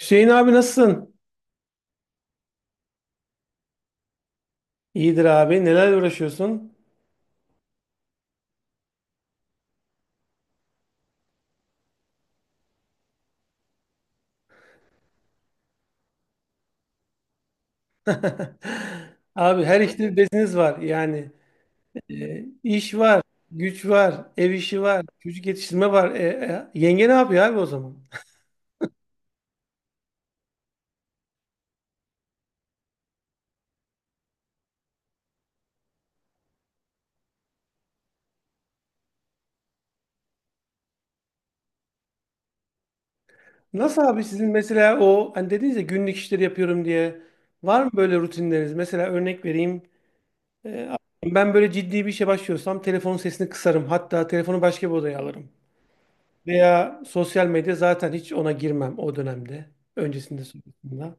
Hüseyin abi, nasılsın? İyidir abi. Neler uğraşıyorsun? Abi, her işte beziniz var. Yani iş var, güç var, ev işi var, çocuk yetiştirme var. Yenge ne yapıyor abi o zaman? Nasıl abi, sizin mesela o hani dediniz ya günlük işleri yapıyorum diye. Var mı böyle rutinleriniz? Mesela örnek vereyim. E, Ben böyle ciddi bir işe başlıyorsam telefonun sesini kısarım. Hatta telefonu başka bir odaya alırım. Veya sosyal medya, zaten hiç ona girmem o dönemde. Öncesinde, sonrasında.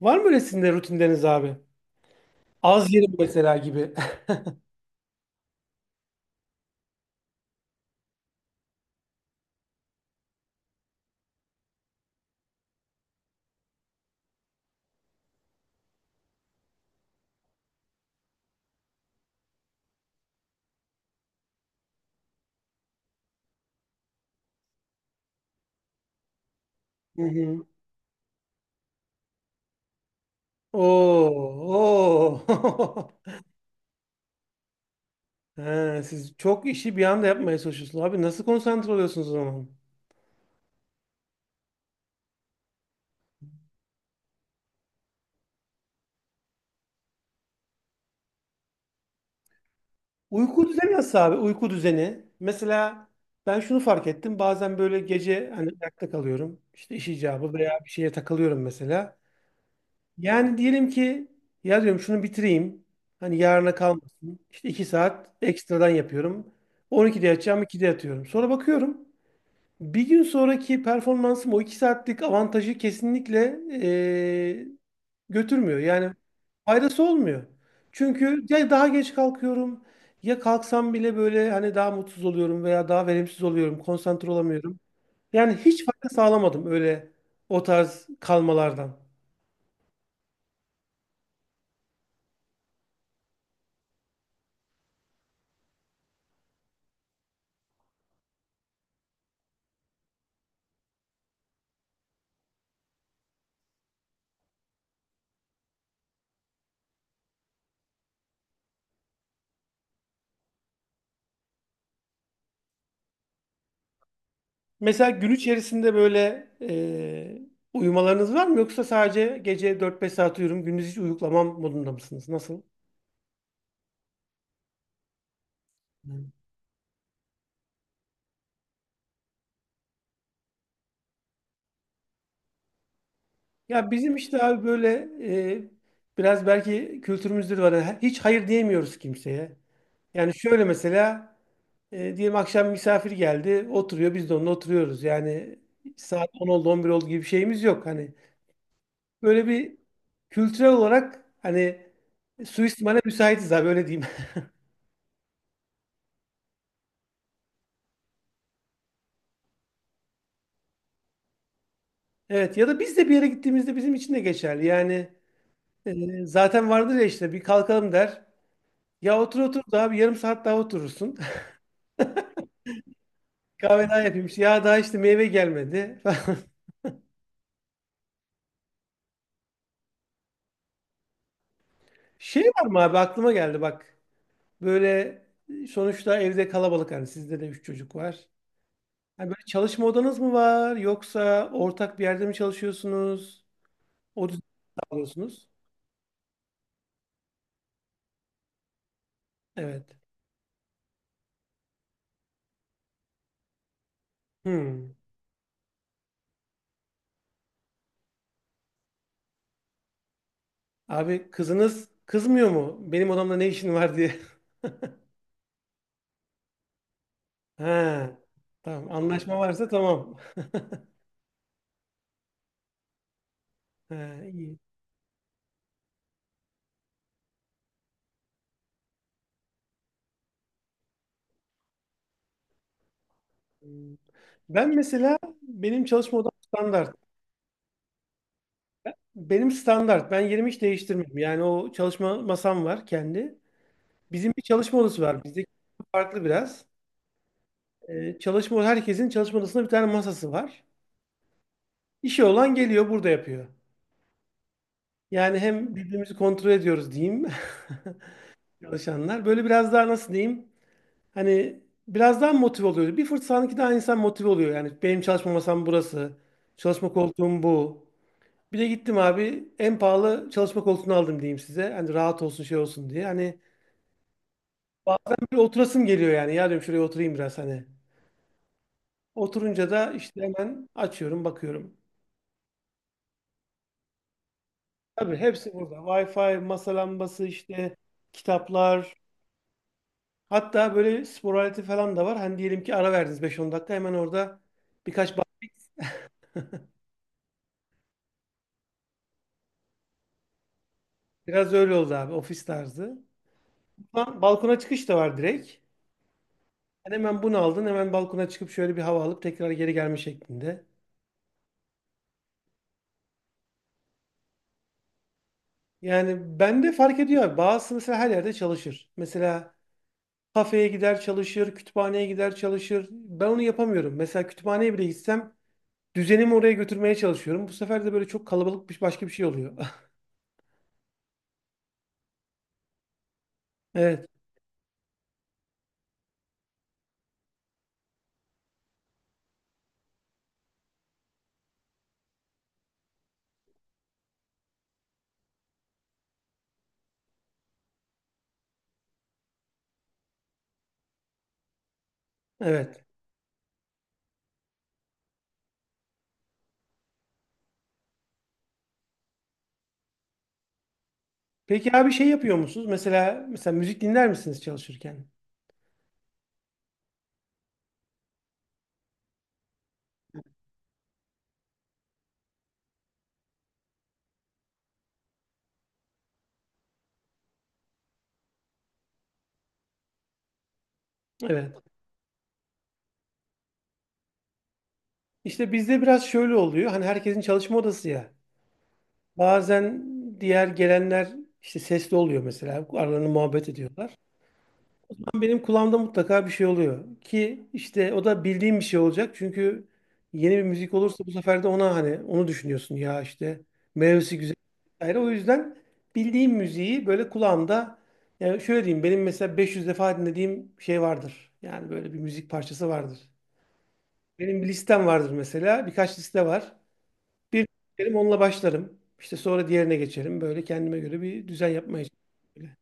Var mı öyle sizin de rutinleriniz abi? Az yerim mesela gibi. Hı hı. Oo, oo. He, siz çok işi bir anda yapmaya çalışıyorsunuz. Abi, nasıl konsantre oluyorsunuz o zaman? Uyku düzeni nasıl abi? Uyku düzeni. Mesela ben şunu fark ettim. Bazen böyle gece hani ayakta kalıyorum. İşte iş icabı veya bir şeye takılıyorum mesela. Yani diyelim ki, ya diyorum şunu bitireyim. Hani yarına kalmasın. İşte 2 saat ekstradan yapıyorum. 12'de yatacağım, 2'de yatıyorum. Sonra bakıyorum. Bir gün sonraki performansım o 2 saatlik avantajı kesinlikle götürmüyor. Yani faydası olmuyor. Çünkü ya daha geç kalkıyorum ya kalksam bile böyle hani daha mutsuz oluyorum veya daha verimsiz oluyorum, konsantre olamıyorum. Yani hiç fayda sağlamadım öyle o tarz kalmalardan. Mesela gün içerisinde böyle uyumalarınız var mı, yoksa sadece gece 4-5 saat uyurum, gündüz hiç uyuklamam modunda mısınız? Nasıl? Ya bizim işte abi böyle e, biraz belki kültürümüzde var. Hiç hayır diyemiyoruz kimseye. Yani şöyle mesela, diyelim akşam misafir geldi, oturuyor, biz de onunla oturuyoruz. Yani saat 10 oldu 11 oldu gibi bir şeyimiz yok. Hani böyle bir kültürel olarak hani suistimale müsaitiz abi, öyle diyeyim. Evet, ya da biz de bir yere gittiğimizde bizim için de geçerli. Yani zaten vardır ya işte bir kalkalım der. Ya otur otur, daha bir yarım saat daha oturursun. Kahve daha yapayım. İşte ya, daha işte meyve gelmedi falan. Şey var mı abi, aklıma geldi bak. Böyle sonuçta evde kalabalık, hani sizde de 3 çocuk var. Hani böyle çalışma odanız mı var, yoksa ortak bir yerde mi çalışıyorsunuz? O düzeni sağlıyorsunuz. Evet. Hmm. Abi kızınız kızmıyor mu? Benim odamda ne işin var diye. Ha. Tamam, anlaşma varsa tamam. Ha, iyi. Hmm. Ben mesela, benim çalışma odam standart. Benim standart. Ben yerimi hiç değiştirmedim. Yani o çalışma masam var kendi. Bizim bir çalışma odası var. Bizdeki farklı biraz. Çalışma, herkesin çalışma odasında bir tane masası var. İşi olan geliyor burada yapıyor. Yani hem birbirimizi kontrol ediyoruz diyeyim. Çalışanlar. Böyle biraz daha nasıl diyeyim? Hani biraz daha motive oluyor. Bir fırsat daha insan motive oluyor. Yani benim çalışma masam burası. Çalışma koltuğum bu. Bir de gittim abi, en pahalı çalışma koltuğunu aldım diyeyim size. Hani rahat olsun, şey olsun diye. Hani bazen böyle oturasım geliyor yani. Ya diyorum şuraya oturayım biraz hani. Oturunca da işte hemen açıyorum, bakıyorum. Tabii hepsi burada. Wi-Fi, masa lambası işte, kitaplar. Hatta böyle spor aleti falan da var. Hani diyelim ki ara verdiniz beş on dakika, hemen orada birkaç bak- biraz öyle oldu abi, ofis tarzı. Balkona çıkış da var direkt. Yani hemen bunu aldın, hemen balkona çıkıp şöyle bir hava alıp tekrar geri gelme şeklinde. Yani bende fark ediyor abi. Bazısı mesela her yerde çalışır. Mesela kafeye gider çalışır, kütüphaneye gider çalışır. Ben onu yapamıyorum. Mesela kütüphaneye bile gitsem düzenimi oraya götürmeye çalışıyorum. Bu sefer de böyle çok kalabalık bir başka bir şey oluyor. Evet, evet. Peki abi şey yapıyor musunuz? Mesela müzik dinler misiniz çalışırken? Evet. İşte bizde biraz şöyle oluyor. Hani herkesin çalışma odası ya. Bazen diğer gelenler işte sesli oluyor mesela. Aralarında muhabbet ediyorlar. Benim kulağımda mutlaka bir şey oluyor. Ki işte o da bildiğim bir şey olacak. Çünkü yeni bir müzik olursa bu sefer de ona hani onu düşünüyorsun ya işte, meyvesi güzel. Ayrı. O yüzden bildiğim müziği böyle kulağımda. Yani şöyle diyeyim, benim mesela 500 defa dinlediğim şey vardır. Yani böyle bir müzik parçası vardır. Benim bir listem vardır mesela. Birkaç liste var. Bir dinlerim, onunla başlarım. İşte sonra diğerine geçerim. Böyle kendime göre bir düzen yapmaya çalışıyorum.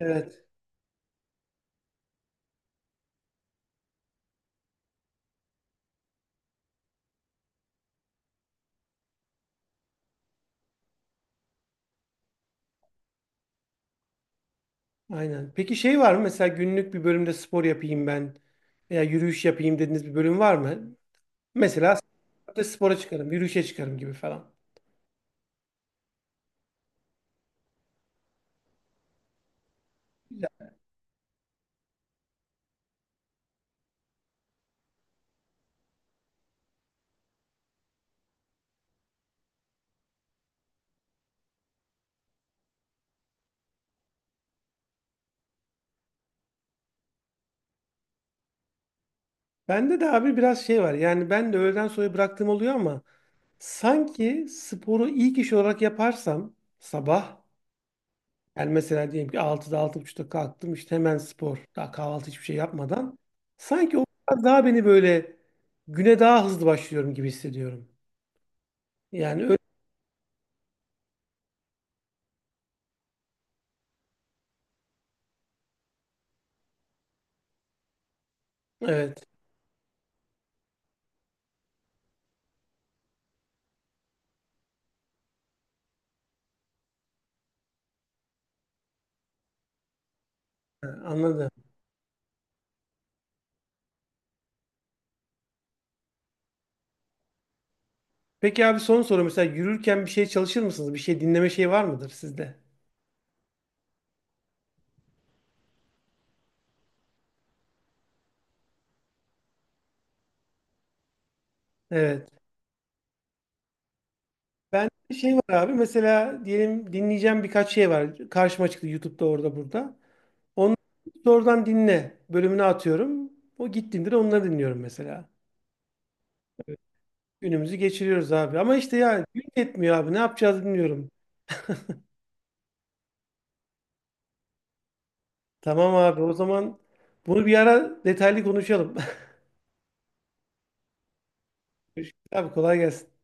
Evet. Aynen. Peki şey var mı? Mesela günlük bir bölümde spor yapayım ben veya yürüyüş yapayım dediğiniz bir bölüm var mı? Mesela saatte spora çıkarım, yürüyüşe çıkarım gibi falan. Güzel. Bende de abi biraz şey var. Yani ben de öğleden sonra bıraktığım oluyor ama sanki sporu ilk iş olarak yaparsam sabah, yani mesela diyelim ki 6'da 6 buçukta kalktım, işte hemen spor. Daha kahvaltı hiçbir şey yapmadan. Sanki o biraz daha beni böyle güne daha hızlı başlıyorum gibi hissediyorum. Yani öyle, evet. Ha, anladım. Peki abi son soru, mesela yürürken bir şey çalışır mısınız? Bir şey dinleme şey var mıdır sizde? Evet. Ben bir şey var abi mesela, diyelim dinleyeceğim birkaç şey var. Karşıma çıktı YouTube'da orada burada. Onları doğrudan dinle bölümüne atıyorum. O gittiğimde de onları dinliyorum mesela. Günümüzü geçiriyoruz abi. Ama işte ya gün yetmiyor abi, ne yapacağız bilmiyorum. Tamam abi, o zaman bunu bir ara detaylı konuşalım. Görüşürüz abi, kolay gelsin.